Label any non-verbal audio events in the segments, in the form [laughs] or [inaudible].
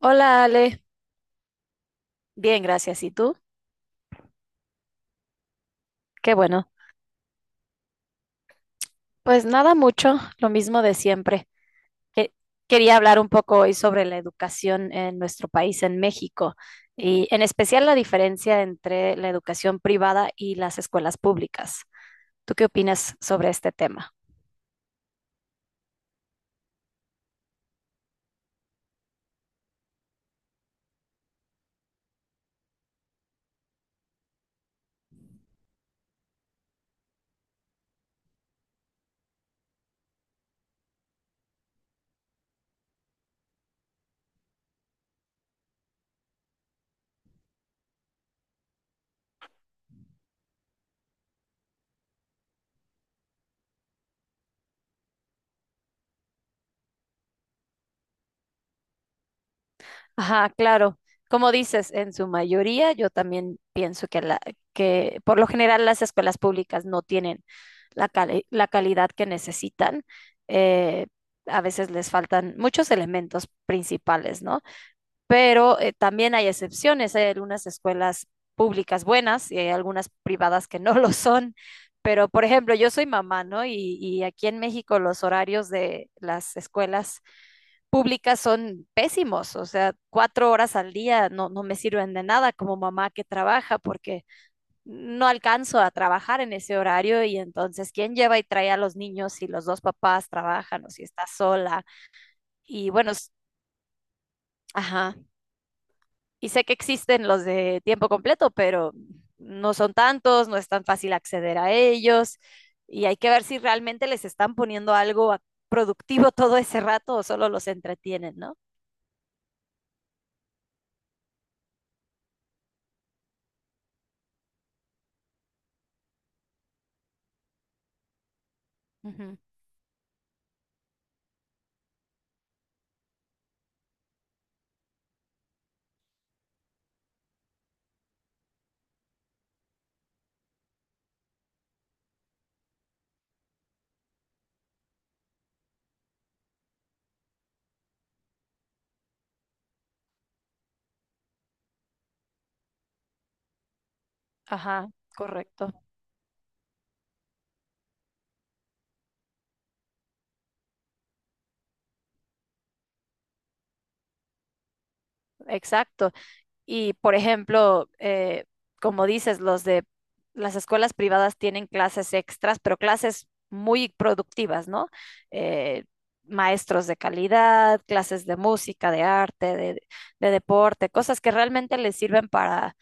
Hola Ale, bien, gracias. ¿Y tú? Qué bueno. Pues nada mucho, lo mismo de siempre. Que- Quería hablar un poco hoy sobre la educación en nuestro país, en México, y en especial la diferencia entre la educación privada y las escuelas públicas. ¿Tú qué opinas sobre este tema? Ajá, claro. Como dices, en su mayoría, yo también pienso que, que por lo general las escuelas públicas no tienen la calidad que necesitan. Eh, a veces les faltan muchos elementos principales, ¿no? Pero también hay excepciones. Hay algunas escuelas públicas buenas y hay algunas privadas que no [laughs] lo son. Pero, por ejemplo, yo soy mamá, ¿no? Y aquí en México los horarios de las escuelas públicas son pésimos, o sea, 4 horas al día no me sirven de nada como mamá que trabaja porque no alcanzo a trabajar en ese horario y entonces, ¿quién lleva y trae a los niños si los dos papás trabajan o si está sola? Y bueno, ajá, y sé que existen los de tiempo completo, pero no son tantos, no es tan fácil acceder a ellos y hay que ver si realmente les están poniendo algo productivo todo ese rato o solo los entretienen, ¿no? Ujú. Ajá, correcto. Exacto. Y por ejemplo, como dices, los de las escuelas privadas tienen clases extras, pero clases muy productivas, ¿no? Eh, Maestros de calidad, clases de música, de arte, de deporte, cosas que realmente les sirven para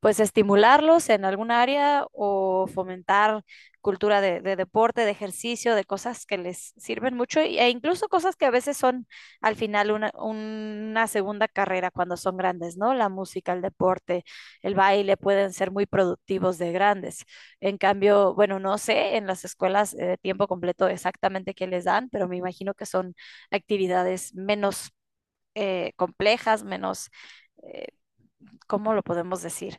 pues estimularlos en algún área o fomentar cultura de deporte, de ejercicio, de cosas que les sirven mucho y- e incluso cosas que a veces son al final una segunda carrera cuando son grandes, ¿no? La música, el deporte, el baile pueden ser muy productivos de grandes. En cambio, bueno, no sé en las escuelas de tiempo completo exactamente qué les dan, pero me imagino que son actividades menos complejas, menos, eh, ¿cómo lo podemos decir?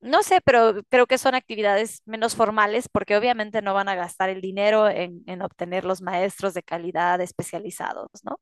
No sé, pero creo que son actividades menos formales porque obviamente no van a gastar el dinero en, obtener los maestros de calidad especializados, ¿no?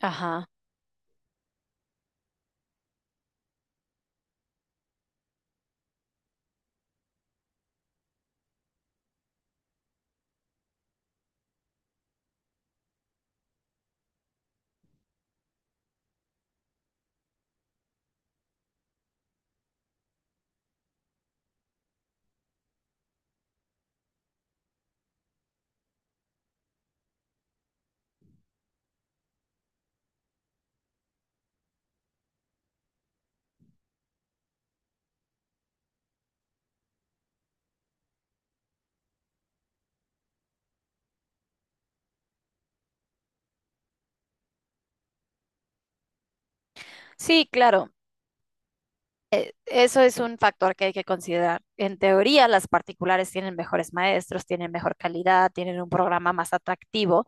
Ajá. Sí, claro. Eso es un factor que hay que considerar. En teoría, las particulares tienen mejores maestros, tienen mejor calidad, tienen un programa más atractivo,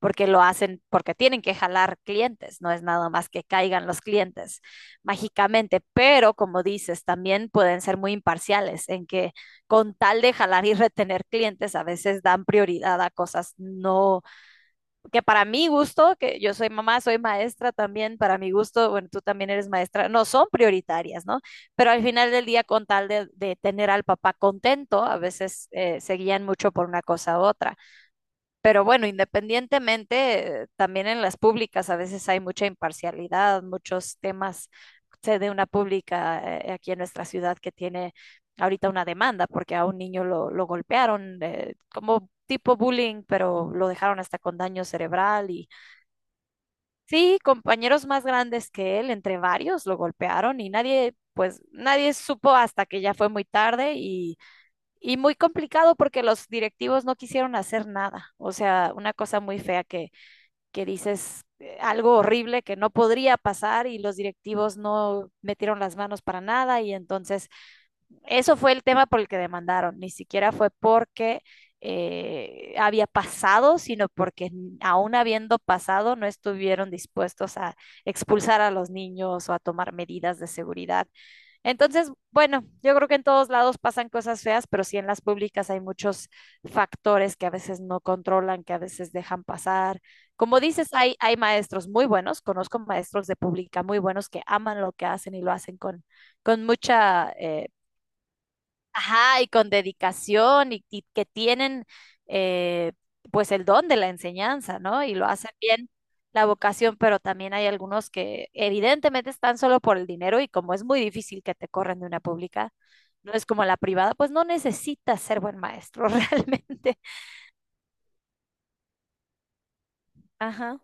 porque lo hacen, porque tienen que jalar clientes, no es nada más que caigan los clientes mágicamente, pero como dices, también pueden ser muy imparciales en que con tal de jalar y retener clientes, a veces dan prioridad a cosas no, que para mi gusto, que yo soy mamá, soy maestra también, para mi gusto, bueno, tú también eres maestra, no son prioritarias, ¿no? Pero al final del día, con tal de, tener al papá contento, a veces se guían mucho por una cosa u otra. Pero bueno, independientemente, también en las públicas a veces hay mucha imparcialidad, muchos temas. Sé de una pública aquí en nuestra ciudad que tiene ahorita una demanda porque a un niño lo golpearon como tipo bullying, pero lo dejaron hasta con daño cerebral y sí, compañeros más grandes que él, entre varios, lo golpearon y nadie, pues nadie supo hasta que ya fue muy tarde y muy complicado porque los directivos no quisieron hacer nada. O sea, una cosa muy fea que, dices, algo horrible que no podría pasar y los directivos no metieron las manos para nada. Y entonces, eso fue el tema por el que demandaron. Ni siquiera fue porque había pasado, sino porque aún habiendo pasado no estuvieron dispuestos a expulsar a los niños o a tomar medidas de seguridad. Entonces, bueno, yo creo que en todos lados pasan cosas feas, pero sí en las públicas hay muchos factores que a veces no controlan, que a veces dejan pasar. Como dices, hay maestros muy buenos, conozco maestros de pública muy buenos que aman lo que hacen y lo hacen con, mucha Ajá, y con dedicación y que tienen eh, pues el don de la enseñanza, ¿no? Y lo hacen bien. La vocación, pero también hay algunos que evidentemente están solo por el dinero y como es muy difícil que te corran de una pública, no es como la privada, pues no necesitas ser buen maestro [laughs] realmente. Ajá,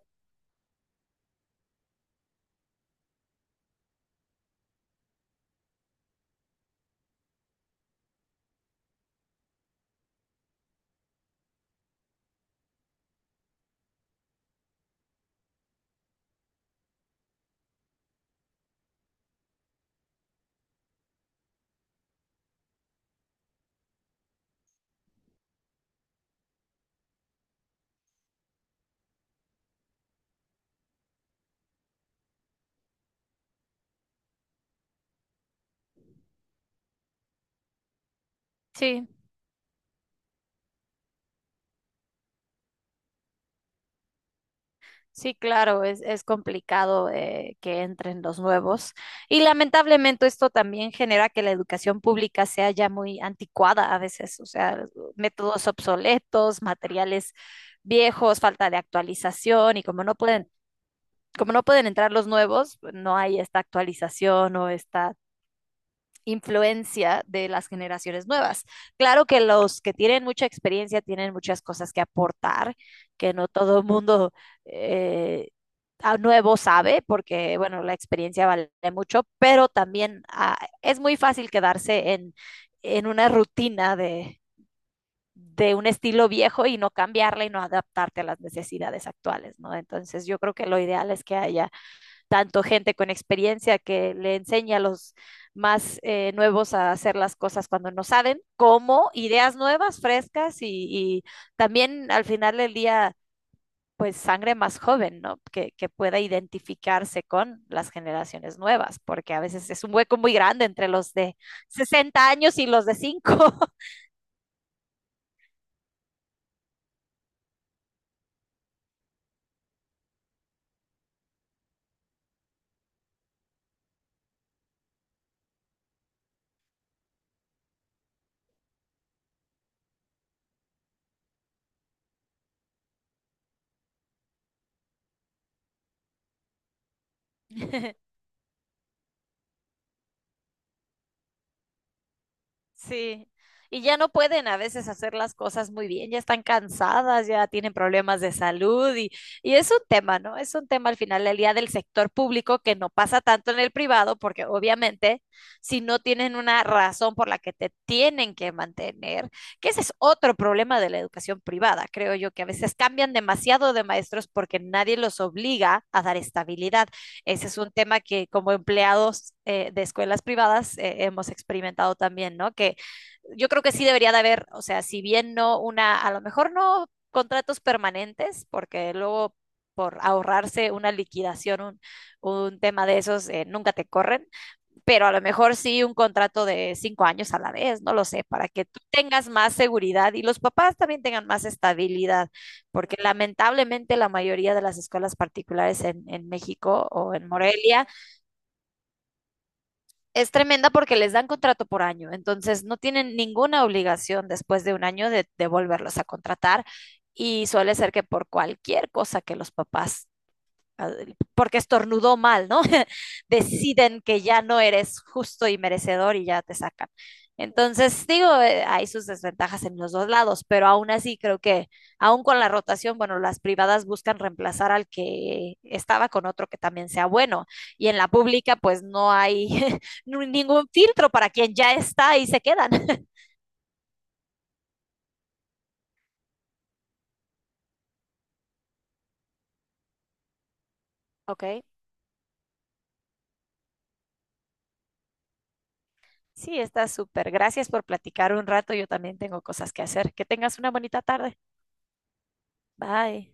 sí. Sí, claro, es complicado que entren los nuevos. Y lamentablemente esto también genera que la educación pública sea ya muy anticuada a veces, o sea, métodos obsoletos, materiales viejos, falta de actualización y como no pueden entrar los nuevos, no hay esta actualización o esta influencia de las generaciones nuevas. Claro que los que tienen mucha experiencia tienen muchas cosas que aportar, que no todo el mundo eh, a nuevo sabe, porque bueno, la experiencia vale mucho, pero también ah, es muy fácil quedarse en, una rutina de, un estilo viejo y no cambiarla y no adaptarte a las necesidades actuales, ¿no? Entonces yo creo que lo ideal es que haya tanto gente con experiencia que le enseña a los más nuevos a hacer las cosas cuando no saben, como ideas nuevas, frescas y también al final del día, pues sangre más joven, ¿no? Que pueda identificarse con las generaciones nuevas, porque a veces es un hueco muy grande entre los de 60 años y los de 5. [laughs] Sí, y ya no pueden a veces hacer las cosas muy bien, ya están cansadas, ya tienen problemas de salud y es un tema, ¿no? Es un tema al final del día del sector público que no pasa tanto en el privado, porque obviamente si no tienen una razón por la que te tienen que mantener, que ese es otro problema de la educación privada, creo yo, que a veces cambian demasiado de maestros porque nadie los obliga a dar estabilidad. Ese es un tema que como empleados de escuelas privadas hemos experimentado también, ¿no? Que yo creo que sí debería de haber, o sea, si bien no a lo mejor no contratos permanentes, porque luego por ahorrarse una liquidación, un tema de esos, nunca te corren, pero a lo mejor sí un contrato de 5 años a la vez, no lo sé, para que tú tengas más seguridad y los papás también tengan más estabilidad, porque lamentablemente la mayoría de las escuelas particulares en, México o en Morelia es tremenda porque les dan contrato por año, entonces no tienen ninguna obligación después de un año de, volverlos a contratar y suele ser que por cualquier cosa que los papás porque estornudó mal, ¿no? [laughs] Deciden que ya no eres justo y merecedor y ya te sacan. Entonces, digo, hay sus desventajas en los dos lados, pero aún así creo que, aún con la rotación, bueno, las privadas buscan reemplazar al que estaba con otro que también sea bueno. Y en la pública, pues no hay [laughs] ningún filtro para quien ya está y se quedan. [laughs] Ok, sí, está súper. Gracias por platicar un rato. Yo también tengo cosas que hacer. Que tengas una bonita tarde. Bye.